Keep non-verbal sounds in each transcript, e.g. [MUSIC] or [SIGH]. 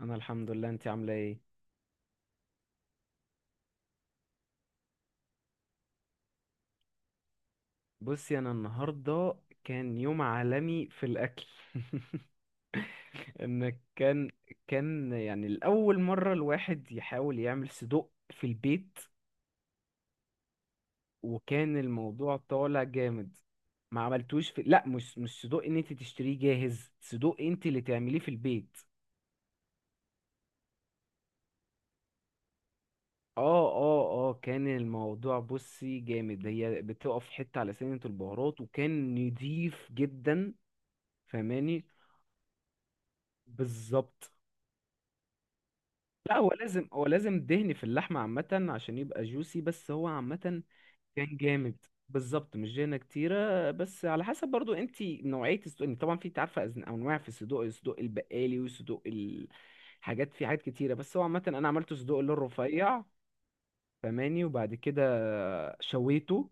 انا الحمد لله، انت عامله ايه؟ بصي، انا النهارده كان يوم عالمي في الاكل. [LAUGHS] ان كان كان يعني الاول مره الواحد يحاول يعمل صدق في البيت، وكان الموضوع طالع جامد. ما عملتوش في، لا، مش صدق ان انت تشتريه جاهز، صدق انت اللي تعمليه في البيت. اه، اه، اه، كان الموضوع بصي جامد، هي بتقف حته على سنة البهارات وكان نضيف جدا. فاهماني؟ بالظبط. لا، هو لازم دهن في اللحمة عامة عشان يبقى جوسي، بس هو عامة كان جامد. بالظبط، مش دهنة كتيرة، بس على حسب برضو انت نوعية الصدوق، إن طبعا في، انت عارفة، انواع في الصدوق البقالي، والصدوق في حاجات كتيرة، بس هو عامة انا عملت صدوق اللي هو الرفيع. فماني، وبعد كده شويته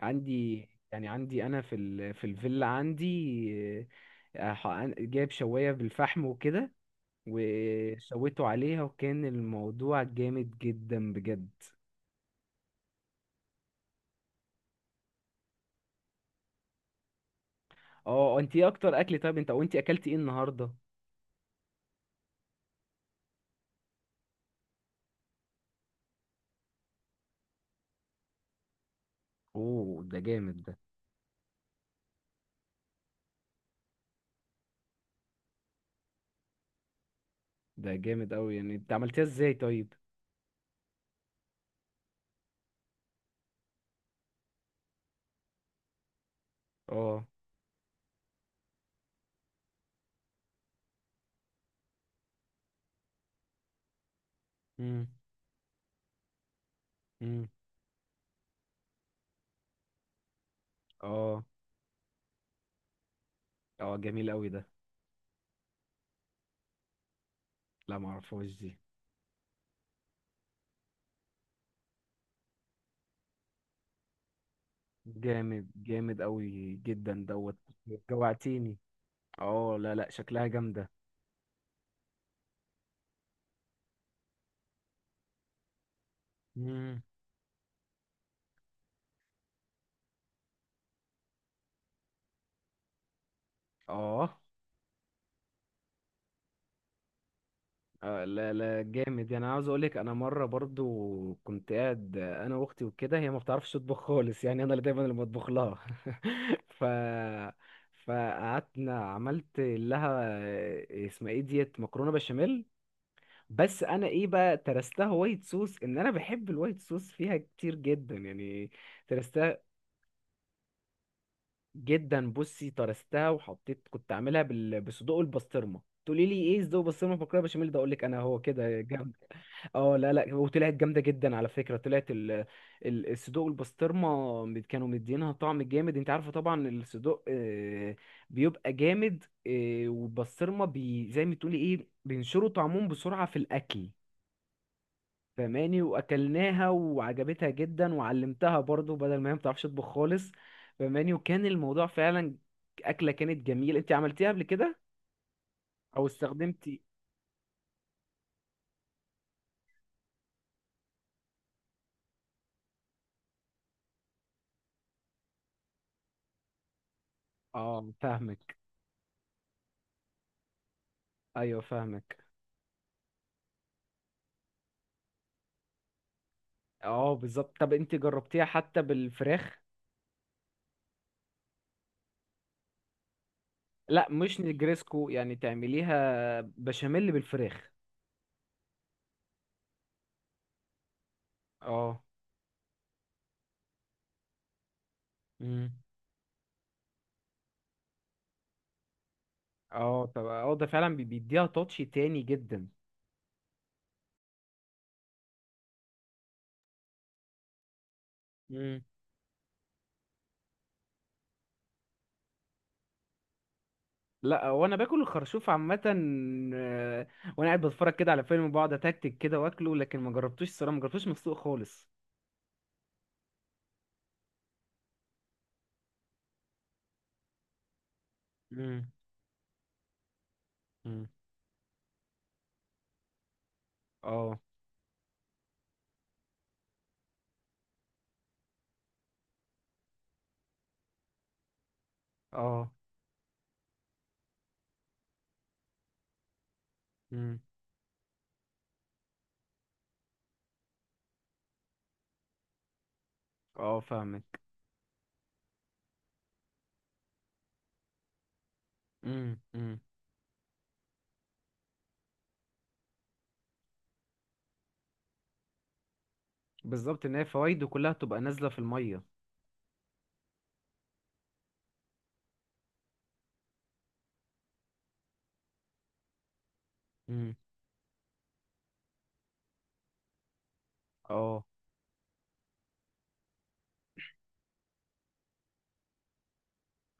عندي، يعني عندي انا في في الفيلا عندي. جايب شواية بالفحم وكده، وشويته عليها وكان الموضوع جامد جدا بجد. اه. انت ايه اكتر اكل طيب؟ انت، وانت اكلتي ايه النهارده؟ اوه، ده جامد ده. ده جامد قوي، يعني انت عملتيها ازاي طيب؟ اه، امم، امم، اه، اه، جميل قوي ده. لا، ما اعرفهاش دي. جامد، جامد قوي جدا دوت. جوعتيني. اه، لا، لا، شكلها جامده. امم. اه. لا، لا، جامد. يعني أنا عاوز اقولك، انا مره برضو كنت قاعد، انا واختي وكده، هي ما بتعرفش تطبخ خالص، [LAUGHS] يعني انا اللي دايما اللي بطبخ لها. [LAUGHS] ف فقعدنا عملت لها، اسمها ايه ديت، مكرونه بشاميل. بس انا ايه بقى، ترستها وايت صوص، ان انا بحب الوايت صوص فيها كتير جدا يعني. ترستها جدا. بصي، ترستها، وحطيت كنت عاملها بصدوق البسطرمه. تقولي لي ايه صدوق البسطرمه في مكرونه بشاميل؟ ده اقول لك انا هو كده جنب. اه، لا، لا، وطلعت جامده جدا على فكره. طلعت الصدوق والبسطرمه كانوا مدينها طعم جامد. انت عارفه طبعا الصدوق بيبقى جامد، والبسطرمه زي ما تقولي ايه، بينشروا طعمهم بسرعه في الاكل. فماني، واكلناها وعجبتها جدا، وعلمتها برضو بدل ما هي ما بتعرفش تطبخ خالص. فماني، وكان الموضوع فعلا اكله كانت جميله. انت عملتيها قبل كده او استخدمتي؟ اه، فاهمك. ايوه، فاهمك. اه، بالظبط. طب انت جربتيها حتى بالفراخ؟ لا، مش نجريسكو، يعني تعمليها بشاميل بالفراخ. اه. امم. اه، طب، اه، ده فعلا بيديها تاتش تاني جدا. امم. لا، وانا باكل الخرشوف عامه. آه، وانا قاعد بتفرج كده على فيلم، بقعد اتكتك كده واكله، لكن ما جربتوش الصراحه، ما جربتوش مسلوق خالص. امم. امم. اه. اه. امم. اه، فاهمك. امم. امم. بالظبط، ان هي فوايده كلها تبقى نازله في الميه. امم. اه.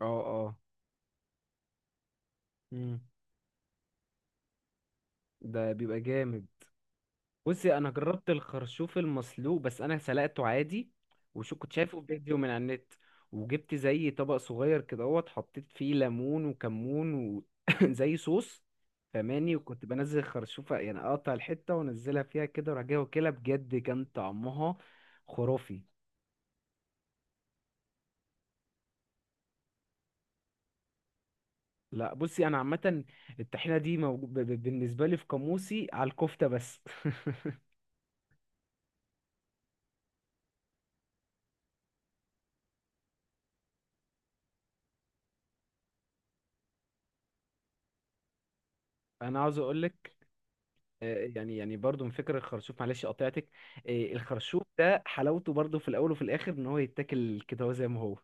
اه. اه. مم. ده بيبقى جامد. بصي، انا جربت الخرشوف المسلوق، بس انا سلقته عادي، وشو كنت شايفه في فيديو من على النت، وجبت زي طبق صغير كده اهوت، حطيت فيه ليمون وكمون [LAUGHS] [COUGHS] زي صوص. فماني، وكنت بنزل خرشوفة، يعني اقطع الحتة وانزلها فيها كده وراح جاي واكلها، بجد كان طعمها خرافي. لا، بصي، انا عامة الطحينة دي بالنسبة لي في قاموسي على الكفتة بس. [LAUGHS] انا عاوز اقولك، يعني برضو من فكرة الخرشوف، معلش قطعتك، الخرشوف ده حلاوته برضو في الأول وفي الآخر، إن هو يتاكل كده هو زي ما هو.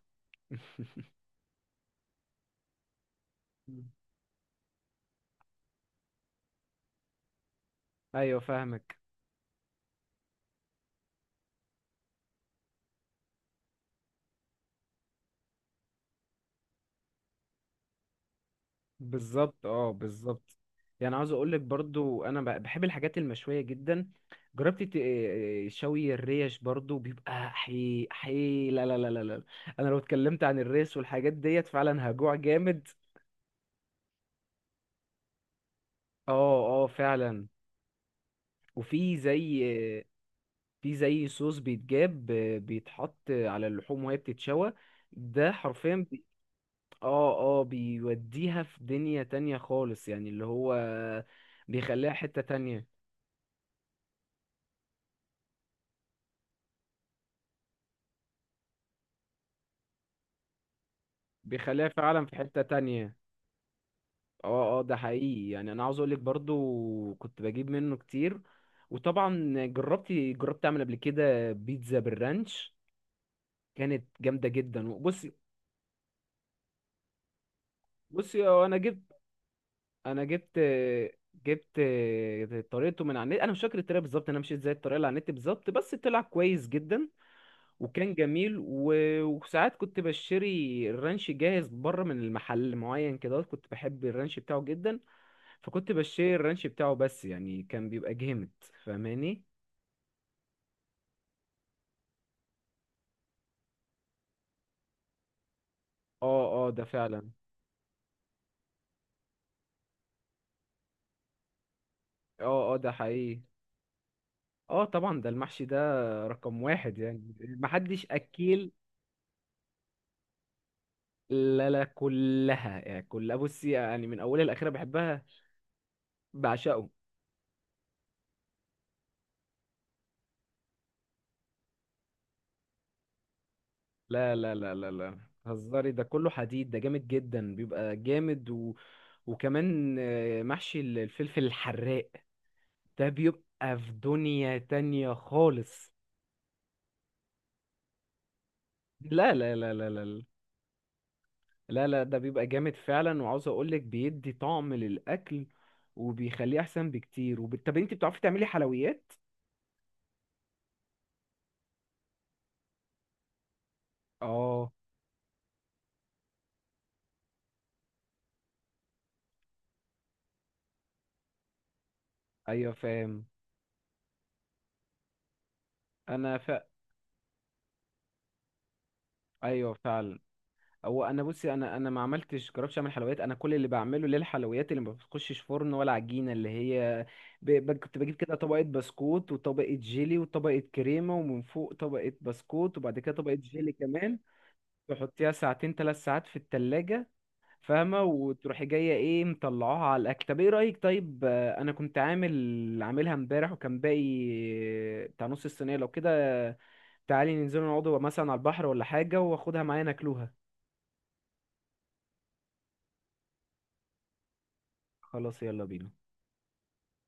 [LAUGHS] أيوه، فاهمك. بالظبط. أه، بالظبط. يعني عاوز أقولك برضو، أنا بحب الحاجات المشوية جدا. جربت شوي الريش برضو بيبقى حي حي. لا، لا، لا، لا، لا. أنا لو اتكلمت عن الريش والحاجات ديت فعلا هجوع جامد. أه. أه، فعلا. وفي زي صوص بيتجاب، بيتحط على اللحوم وهي بتتشوى. ده حرفيا اه، اه، بيوديها في دنيا تانية خالص، يعني اللي هو بيخليها حتة تانية. بيخليها فعلا في حتة تانية. اه، اه، ده حقيقي. يعني انا عاوز اقولك برضو كنت بجيب منه كتير. وطبعا جربت اعمل قبل كده بيتزا بالرانش، كانت جامدة جدا. بصي انا جبت انا جبت جبت طريقته من على النت. انا مش فاكر الطريقه بالظبط، انا مشيت زي الطريقه اللي على النت بالظبط، بس طلع كويس جدا، وكان جميل، و... وساعات كنت بشتري الرانش جاهز بره من المحل معين كده، كنت بحب الرانش بتاعه جدا. فكنت بشتري الرانش بتاعه، بس يعني كان بيبقى جامد. فاهماني؟ اه، اه، ده فعلا. اه، اه، ده حقيقي. اه، طبعا، ده المحشي ده رقم واحد، يعني محدش اكيل. لا، لا، كلها يعني كلها بصي، يعني من اولها لاخرها بحبها. بعشقه. لا، لا، لا، لا، لا، هزاري، ده كله حديد، ده جامد جدا، بيبقى جامد. و... وكمان، محشي الفلفل الحراق ده بيبقى في دنيا تانية خالص. لا، لا، لا، لا، لا، لا، لا، ده بيبقى جامد فعلا. وعاوز اقولك، بيدي طعم للأكل وبيخليه احسن بكتير، طب انت بتعرفي تعملي حلويات؟ اه، ايوه، فاهم. انا ايوه، فعلا. هو انا بصي، انا ما عملتش جربتش اعمل حلويات. انا كل اللي بعمله للحلويات اللي ما بتخشش فرن ولا عجينه، اللي هي كنت بجيب كده طبقه بسكوت وطبقه جيلي وطبقه كريمه، ومن فوق طبقه بسكوت، وبعد كده طبقه جيلي كمان، تحطيها ساعتين 3 ساعات في التلاجة. فاهمه؟ وتروحي جايه ايه مطلعوها على الاكل. طب ايه رايك؟ طيب، انا كنت عاملها امبارح وكان باقي بتاع نص الصينيه لو كده، تعالي ننزل نقعد مثلا على البحر ولا حاجه، واخدها معايا ناكلوها. خلاص، يلا بينا.